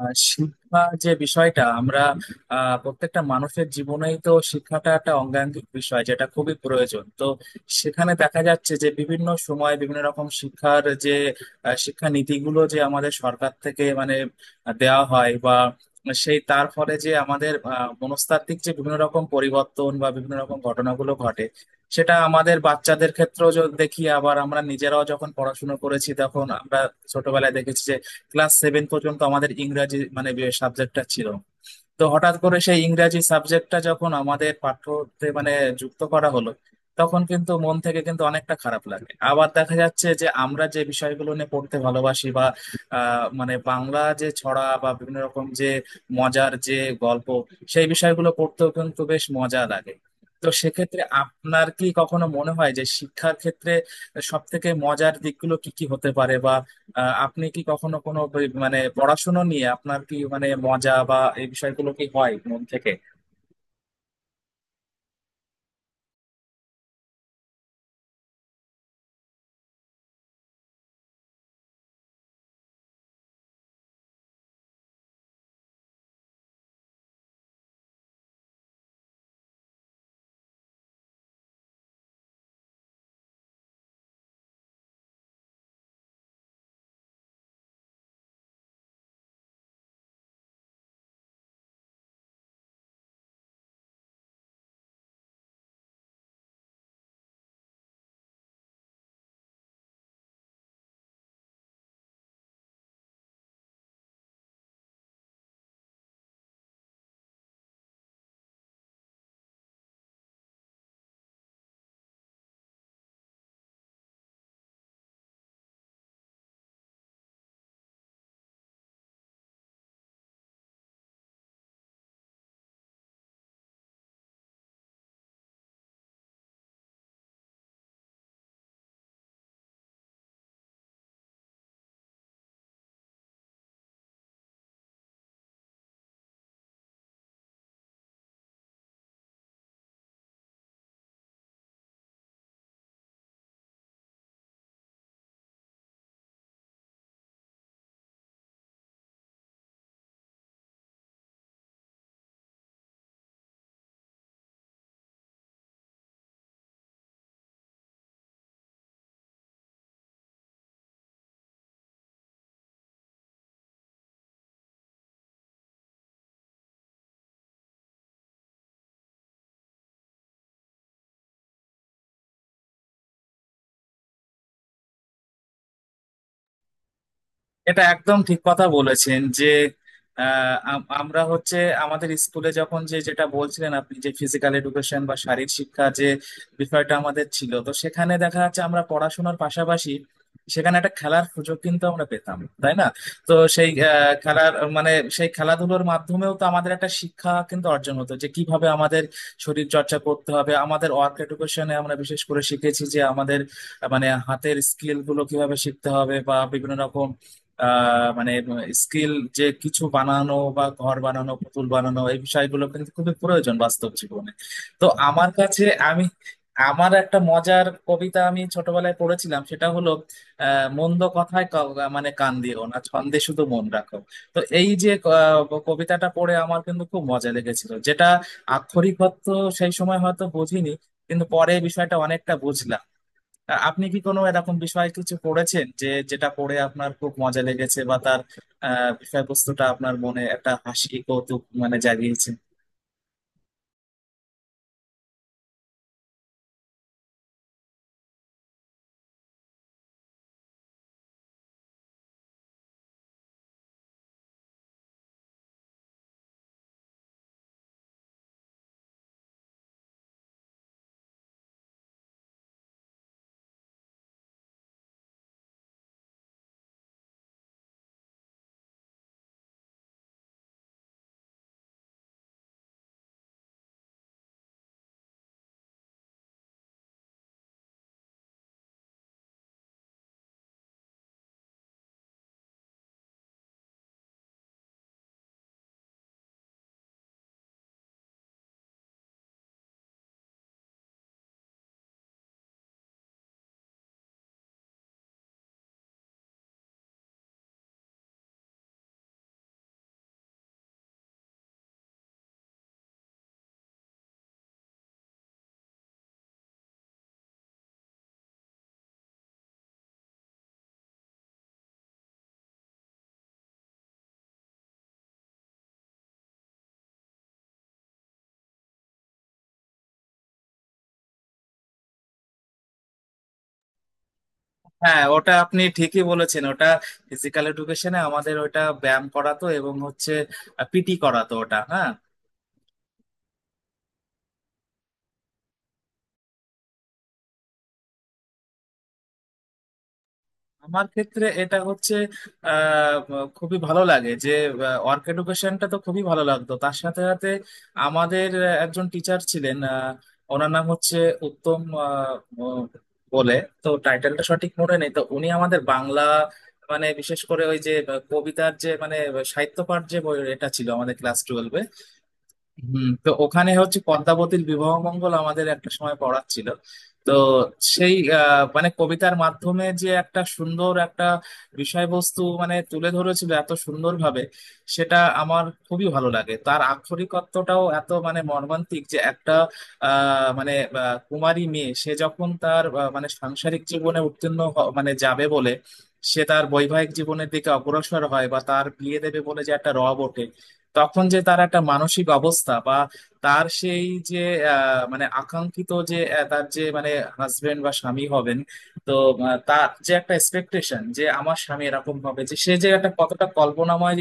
শিক্ষা যে বিষয়টা আমরা প্রত্যেকটা মানুষের জীবনেই তো শিক্ষাটা একটা অঙ্গাঙ্গিক বিষয় যেটা খুবই প্রয়োজন। তো সেখানে দেখা যাচ্ছে যে বিভিন্ন সময় বিভিন্ন রকম শিক্ষার যে শিক্ষা নীতিগুলো যে আমাদের সরকার থেকে মানে দেওয়া হয় বা সেই তার ফলে যে আমাদের মনস্তাত্ত্বিক যে বিভিন্ন রকম পরিবর্তন বা বিভিন্ন রকম ঘটনাগুলো ঘটে সেটা আমাদের বাচ্চাদের ক্ষেত্রেও যদি দেখি। আবার আমরা নিজেরাও যখন পড়াশুনো করেছি তখন আমরা ছোটবেলায় দেখেছি ক্লাস 7 পর্যন্ত আমাদের ইংরাজি মানে যে সাবজেক্টটা ছিল। তো হঠাৎ করে সেই ইংরাজি সাবজেক্টটা যখন আমাদের পাঠ্যতে মানে যুক্ত করা হলো তখন কিন্তু মন থেকে কিন্তু অনেকটা খারাপ লাগে। আবার দেখা যাচ্ছে যে আমরা যে বিষয়গুলো নিয়ে পড়তে ভালোবাসি বা মানে বাংলা যে ছড়া বা বিভিন্ন রকম যে মজার যে গল্প, সেই বিষয়গুলো পড়তেও কিন্তু বেশ মজা লাগে। তো সেক্ষেত্রে আপনার কি কখনো মনে হয় যে শিক্ষার ক্ষেত্রে সব থেকে মজার দিকগুলো কি কি হতে পারে? আপনি কি কখনো কোনো মানে পড়াশোনা নিয়ে আপনার কি মানে মজা বা এই বিষয়গুলো কি হয় মন থেকে? এটা একদম ঠিক কথা বলেছেন যে আমরা হচ্ছে আমাদের স্কুলে যখন যে যেটা বলছিলেন আপনি যে ফিজিক্যাল এডুকেশন বা শারীরিক শিক্ষা যে বিষয়টা আমাদের ছিল, তো সেখানে দেখা যাচ্ছে আমরা পড়াশোনার পাশাপাশি সেখানে একটা খেলার সুযোগ কিন্তু আমরা পেতাম, তাই না? তো সেই খেলার মানে সেই খেলাধুলোর মাধ্যমেও তো আমাদের একটা শিক্ষা কিন্তু অর্জন হতো যে কিভাবে আমাদের শরীর চর্চা করতে হবে। আমাদের ওয়ার্ক এডুকেশনে আমরা বিশেষ করে শিখেছি যে আমাদের মানে হাতের স্কিল গুলো কিভাবে শিখতে হবে বা বিভিন্ন রকম মানে স্কিল, যে কিছু বানানো বা ঘর বানানো, পুতুল বানানো, এই বিষয়গুলো কিন্তু খুবই প্রয়োজন বাস্তব জীবনে। তো আমার কাছে আমি আমার একটা মজার কবিতা আমি ছোটবেলায় পড়েছিলাম সেটা হলো মন্দ কথায় মানে কান দিও না, ছন্দে শুধু মন রাখো। তো এই যে কবিতাটা পড়ে আমার কিন্তু খুব মজা লেগেছিল, যেটা আক্ষরিক অর্থ সেই সময় হয়তো বুঝিনি, কিন্তু পরে এই বিষয়টা অনেকটা বুঝলাম। আপনি কি কোনো এরকম বিষয়ে কিছু পড়েছেন যে যেটা পড়ে আপনার খুব মজা লেগেছে, বা তার বিষয়বস্তুটা আপনার মনে একটা হাসি কৌতুক মানে জাগিয়েছে? হ্যাঁ, ওটা আপনি ঠিকই বলেছেন। ওটা ফিজিক্যাল এডুকেশনে আমাদের ওটা ব্যায়াম করাতো এবং হচ্ছে পিটি করাতো ওটা, হ্যাঁ। আমার ক্ষেত্রে এটা হচ্ছে আহ খুবই ভালো লাগে যে ওয়ার্ক এডুকেশনটা তো খুবই ভালো লাগতো। তার সাথে সাথে আমাদের একজন টিচার ছিলেন, ওনার নাম হচ্ছে উত্তম আহ, ম- বলে, তো টাইটেলটা সঠিক মনে নেই। তো উনি আমাদের বাংলা মানে বিশেষ করে ওই যে কবিতার যে মানে সাহিত্য পাঠ যে এটা ছিল আমাদের ক্লাস 12। তো ওখানে হচ্ছে পদ্মাবতীর বিবাহ মঙ্গল আমাদের একটা সময় পড়াচ্ছিল। তো সেই মানে কবিতার মাধ্যমে যে একটা সুন্দর একটা বিষয়বস্তু মানে তুলে ধরেছিল এত সুন্দরভাবে, সেটা আমার খুবই ভালো লাগে। তার আক্ষরিক অর্থটাও এত মানে মর্মান্তিক, যে একটা মানে কুমারী মেয়ে সে যখন তার মানে সাংসারিক জীবনে মানে যাবে বলে সে তার বৈবাহিক জীবনের দিকে অগ্রসর হয় বা তার বিয়ে দেবে বলে যে একটা রব ওঠে, তখন যে তার একটা মানসিক অবস্থা বা তার সেই যে মানে আকাঙ্ক্ষিত যে তার যে মানে হাজবেন্ড বা স্বামী হবেন। তো তার যে একটা এক্সপেকটেশন যে আমার স্বামী এরকম হবে, যে সে যে একটা কতটা কল্পনাময়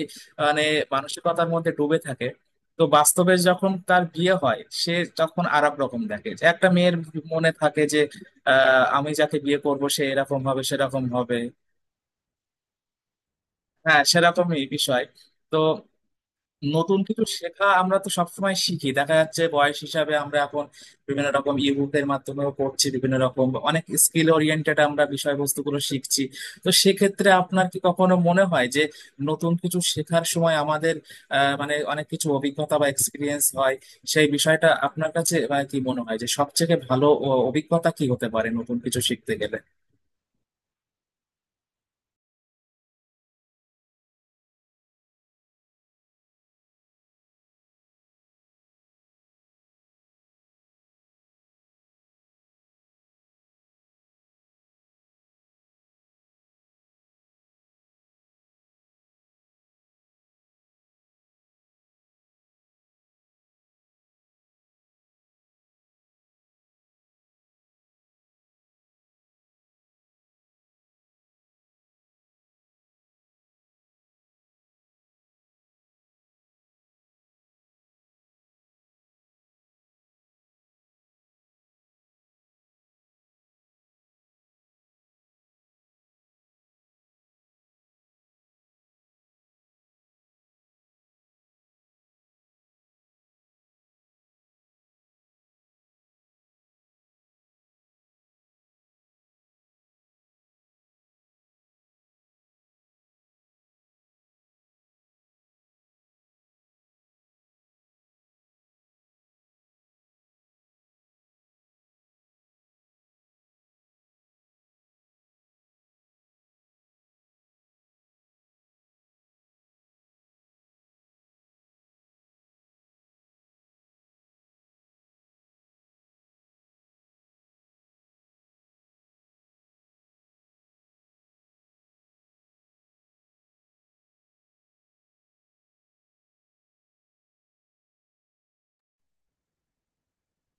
মানে মানসিকতার মধ্যে ডুবে থাকে। তো বাস্তবে যখন তার বিয়ে হয় সে তখন আর এক রকম দেখে, যে একটা মেয়ের মনে থাকে যে আমি যাকে বিয়ে করব সে এরকম হবে সেরকম হবে। হ্যাঁ, সেরকমই বিষয়। তো নতুন কিছু শেখা আমরা তো সবসময় শিখি, দেখা যাচ্ছে বয়স হিসাবে আমরা এখন বিভিন্ন রকম ইবুকের মাধ্যমেও পড়ছি, বিভিন্ন রকম অনেক স্কিল ওরিয়েন্টেড আমরা বিষয়বস্তুগুলো শিখছি। তো সেক্ষেত্রে আপনার কি কখনো মনে হয় যে নতুন কিছু শেখার সময় আমাদের মানে অনেক কিছু অভিজ্ঞতা বা এক্সপিরিয়েন্স হয়? সেই বিষয়টা আপনার কাছে কি মনে হয় যে সবথেকে ভালো অভিজ্ঞতা কি হতে পারে নতুন কিছু শিখতে গেলে?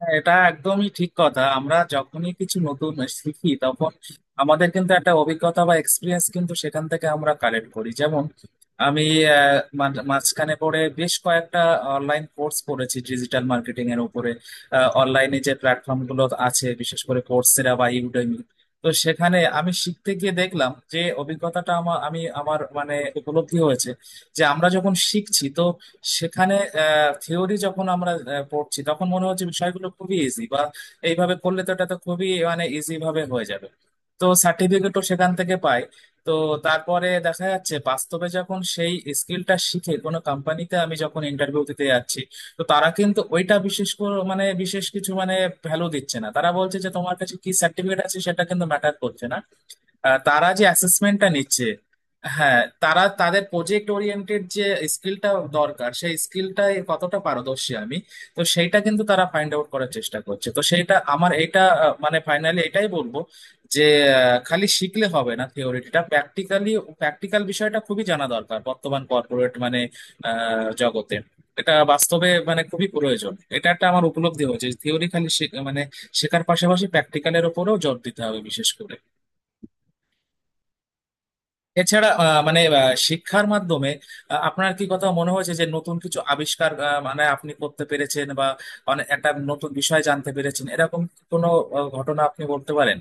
হ্যাঁ, এটা একদমই ঠিক কথা। আমরা যখনই কিছু নতুন শিখি তখন আমাদের কিন্তু একটা অভিজ্ঞতা বা এক্সপিরিয়েন্স কিন্তু সেখান থেকে আমরা কালেক্ট করি, যেমন আমি মাঝখানে পড়ে বেশ কয়েকটা অনলাইন কোর্স করেছি ডিজিটাল মার্কেটিং এর উপরে। অনলাইনে যে প্ল্যাটফর্ম গুলো আছে, বিশেষ করে কোর্সেরা বা ইউডেমি। তো সেখানে আমি শিখতে গিয়ে দেখলাম যে অভিজ্ঞতাটা আমার আমি আমার মানে উপলব্ধি হয়েছে যে আমরা যখন শিখছি তো সেখানে থিওরি যখন আমরা পড়ছি তখন মনে হচ্ছে বিষয়গুলো খুবই ইজি, বা এইভাবে করলে তো এটা তো খুবই মানে ইজি ভাবে হয়ে যাবে। তো সার্টিফিকেটও সেখান থেকে পাই। তো তারপরে দেখা যাচ্ছে বাস্তবে যখন সেই স্কিলটা শিখে কোনো কোম্পানিতে আমি যখন ইন্টারভিউ দিতে যাচ্ছি, তো তারা কিন্তু ওইটা বিশেষ করে মানে বিশেষ কিছু মানে ভ্যালু দিচ্ছে না। তারা বলছে যে তোমার কাছে কি সার্টিফিকেট আছে সেটা কিন্তু ম্যাটার করছে না। তারা যে অ্যাসেসমেন্টটা নিচ্ছে, হ্যাঁ তারা তাদের প্রজেক্ট ওরিয়েন্টেড যে স্কিলটা দরকার সেই স্কিলটাই কতটা পারদর্শী আমি। তো সেইটা কিন্তু তারা ফাইন্ড আউট করার চেষ্টা করছে। তো সেইটা আমার এটা মানে ফাইনালি এটাই বলবো যে খালি শিখলে হবে না, থিওরিটা প্র্যাকটিক্যালি, প্র্যাকটিক্যাল বিষয়টা খুবই জানা দরকার বর্তমান কর্পোরেট মানে জগতে। এটা বাস্তবে মানে খুবই প্রয়োজন, এটা একটা আমার উপলব্ধি হয়েছে। থিওরি খালি মানে শেখার পাশাপাশি প্র্যাকটিক্যালের উপরেও জোর দিতে হবে বিশেষ করে। এছাড়া মানে শিক্ষার মাধ্যমে আপনার কি কথা মনে হয়েছে যে নতুন কিছু আবিষ্কার মানে আপনি করতে পেরেছেন বা অনেক একটা নতুন বিষয় জানতে পেরেছেন এরকম কোনো ঘটনা আপনি বলতে পারেন?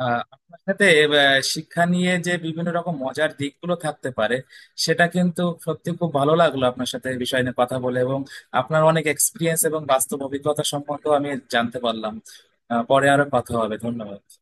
আপনার সাথে আহ, শিক্ষা নিয়ে যে বিভিন্ন রকম মজার দিকগুলো থাকতে পারে সেটা কিন্তু সত্যি খুব ভালো লাগলো আপনার সাথে এই বিষয় নিয়ে কথা বলে, এবং আপনার অনেক এক্সপিরিয়েন্স এবং বাস্তব অভিজ্ঞতা সম্পর্কেও আমি জানতে পারলাম। পরে আরো কথা হবে, ধন্যবাদ।